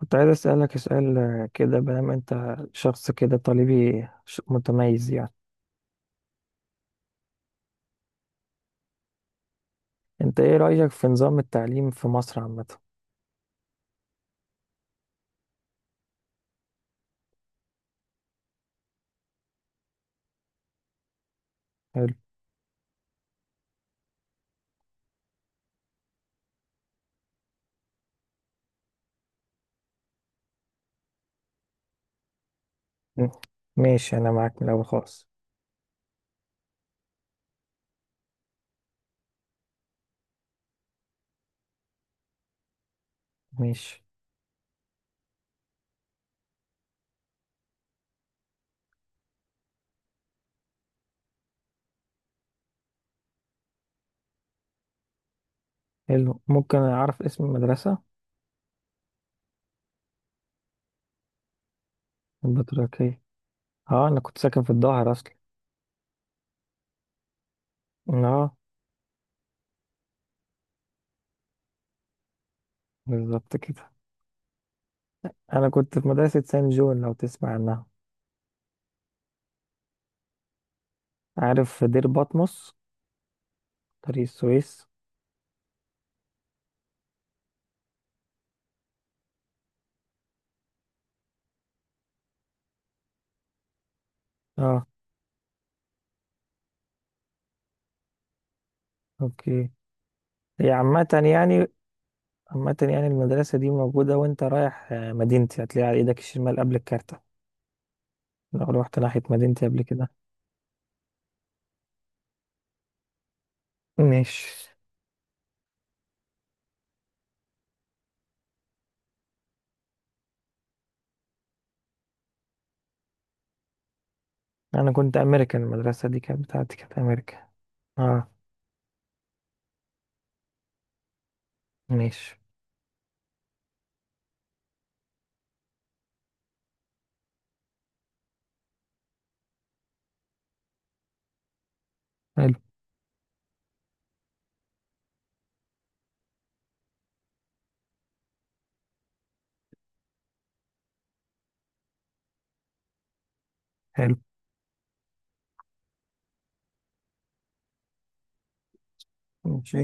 كنت عايز أسألك سؤال كده، بما أنت شخص كده طالبي متميز يعني، أنت إيه رأيك في نظام التعليم في مصر عامة؟ حلو. م- ماشي، أنا معاك من الأول خالص. ماشي. حلو، ممكن أعرف اسم المدرسة؟ البطريركية. أه، أنا كنت ساكن في الظاهر أصلا. أه. بالظبط كده. أنا كنت في مدرسة سان جون، لو تسمع عنها. عارف دير بطمس، طريق السويس. أه. أوكي. هي عامة يعني. عامة يعني المدرسة دي موجودة، وانت رايح مدينتي، هتلاقيها على ايدك الشمال قبل الكارتة. لو روحت ناحية مدينتي قبل كده. ماشي. انا كنت امريكان، المدرسة دي كانت بتاعتي كانت امريكا. اه. ماشي. حلو. حلو. ماشي.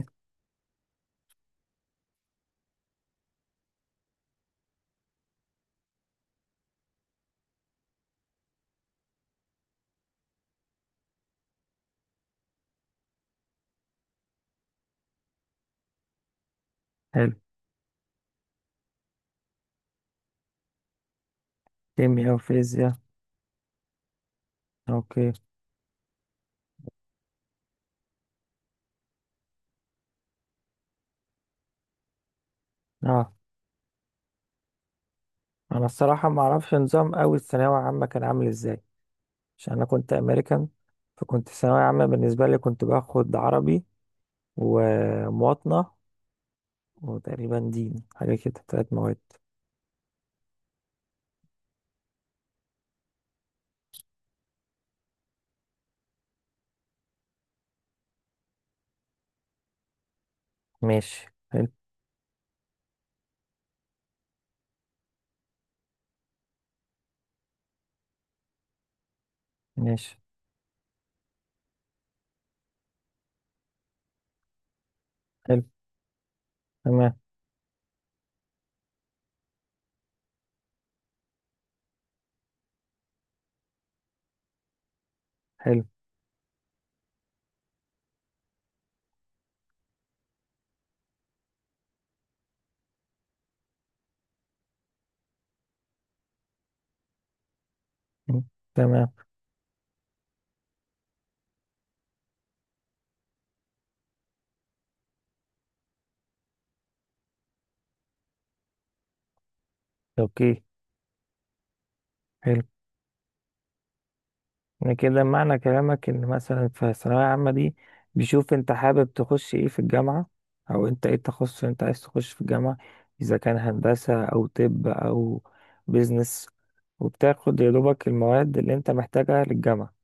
حلو. كيمياء وفيزياء. اوكي. اه، انا الصراحة ما اعرفش نظام قوي الثانوية العامة كان عامل ازاي. عشان انا كنت امريكان، فكنت ثانوية عامة بالنسبة لي كنت باخد عربي، ومواطنة، وتقريبا دين، حاجة كده تلات مواد. ماشي. ماشي. حلو. تمام. حلو. مم. تمام. اوكي. حلو. يعني كده معنى كلامك ان مثلا في الثانوية العامة دي بيشوف انت حابب تخش ايه في الجامعة، او انت ايه التخصص اللي انت عايز تخش في الجامعة، اذا كان هندسة او طب او بيزنس، وبتاخد يا دوبك المواد اللي انت محتاجها للجامعة.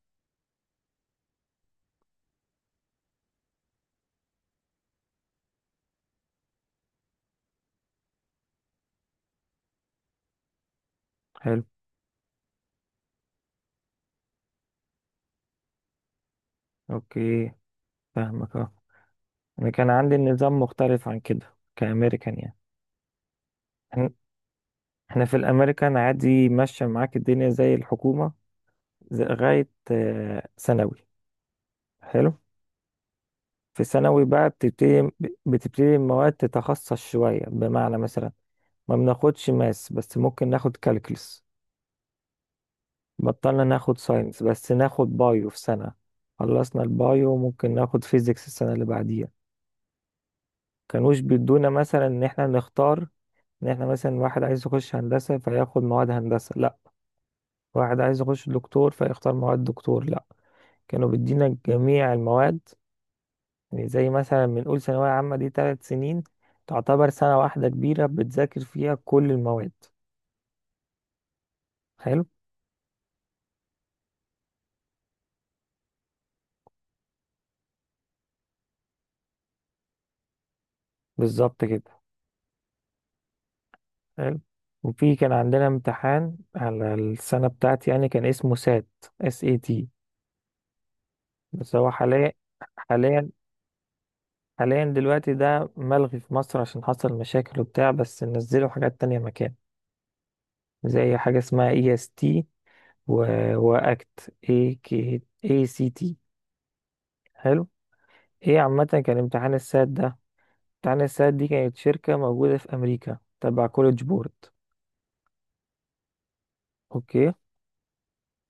حلو. اوكي. فاهمك. اه، انا كان عندي النظام مختلف عن كده كأمريكان يعني. احنا إحنا في الامريكان عادي ماشية معاك الدنيا زي الحكومة لغاية ثانوي. حلو. في ثانوي بقى بتبتدي المواد تتخصص شوية، بمعنى مثلا ما بناخدش ماس، بس ممكن ناخد كالكلس. بطلنا ناخد ساينس، بس ناخد بايو في سنة. خلصنا البايو، ممكن ناخد فيزيكس السنة اللي بعديها. كانوش بيدونا مثلا ان احنا نختار، ان احنا مثلا واحد عايز يخش هندسة فياخد مواد هندسة، لا. واحد عايز يخش دكتور فيختار مواد دكتور، لا. كانوا بيدينا جميع المواد. يعني زي مثلا بنقول ثانوية عامة دي 3 سنين، تعتبر سنة واحدة كبيرة بتذاكر فيها كل المواد. حلو. بالظبط كده. حلو. وفي كان عندنا امتحان على السنة بتاعتي، يعني كان اسمه سات، SAT. بس هو حاليا حاليا دلوقتي ده ملغي في مصر عشان حصل مشاكل وبتاع، بس نزلوا حاجات تانية مكان، زي حاجة اسمها EST، واكت اي كي اي سي تي. حلو. ايه عامة كان امتحان السات ده؟ تعني الساعات دي كانت شركة موجودة في أمريكا، تبع كوليدج بورد. أوكي.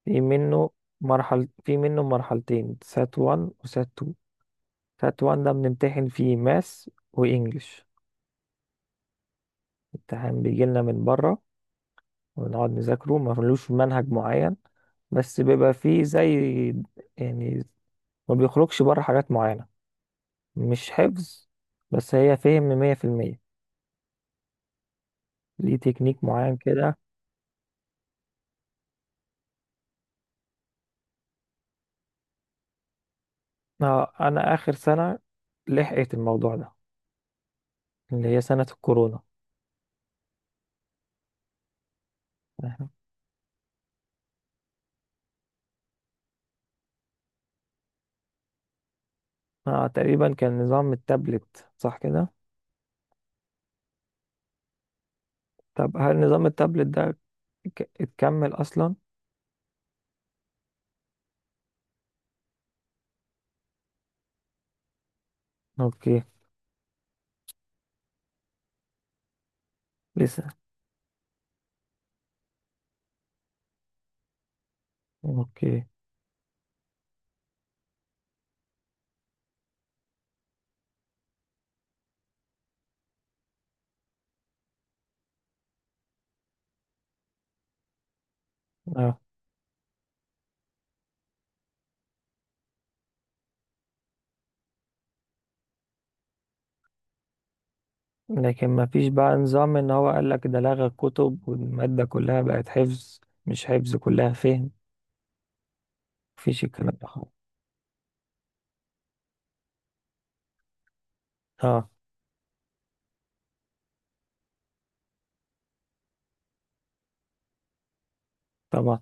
في منه في منه مرحلتين، سات 1 وسات 2. سات 1 ده بنمتحن فيه ماس وإنجلش، امتحان بيجيلنا من بره، ونقعد نذاكره، ملوش منهج معين، بس بيبقى فيه زي يعني، ما بيخرجش بره حاجات معينة، مش حفظ، بس هي فهم 100%، ليه تكنيك معين كده. أنا آخر سنة لحقت الموضوع ده، اللي هي سنة الكورونا. احنا تقريبا كان نظام التابلت صح كده. طب هل نظام التابلت ده اتكمل اصلا؟ اوكي. لسه. اوكي. اه. لكن ما فيش بقى نظام ان هو قال لك ده لغى الكتب والمادة كلها بقت حفظ، مش حفظ كلها فهم، مفيش الكلام ده خالص. اه. طبعا.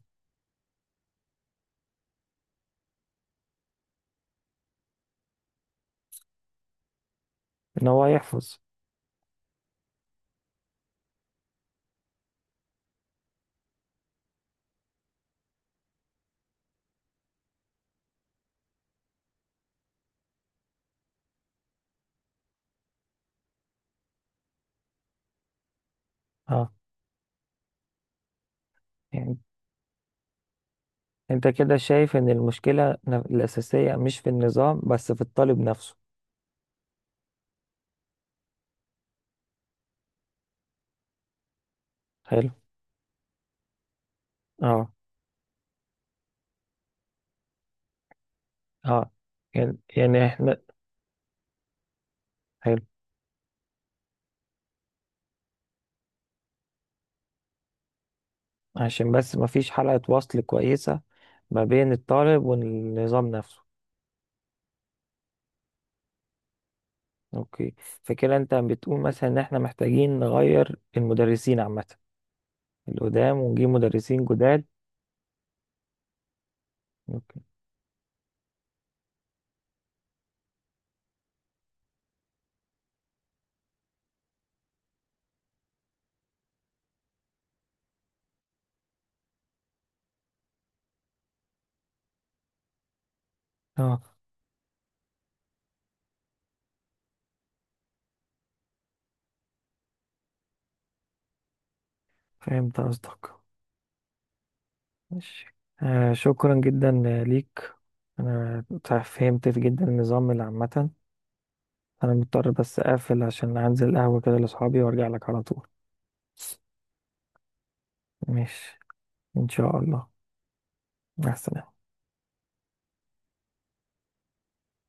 ان هو يحفظ. اه. يعني انت كده شايف ان المشكلة الأساسية مش في النظام، بس في الطالب نفسه. حلو. اه. اه. يعني احنا. حلو. عشان بس مفيش حلقة وصل كويسة ما بين الطالب والنظام نفسه. اوكي. فكده انت بتقول مثلا ان احنا محتاجين نغير المدرسين عامة القدام، ونجيب مدرسين جداد. اوكي. اه. فهمت قصدك. ماشي. شكرا جدا ليك. انا فهمت جدا النظام اللي عامة. انا مضطر بس اقفل عشان انزل قهوة كده لاصحابي، وارجع لك على طول. ماشي. ان شاء الله. مع السلامة.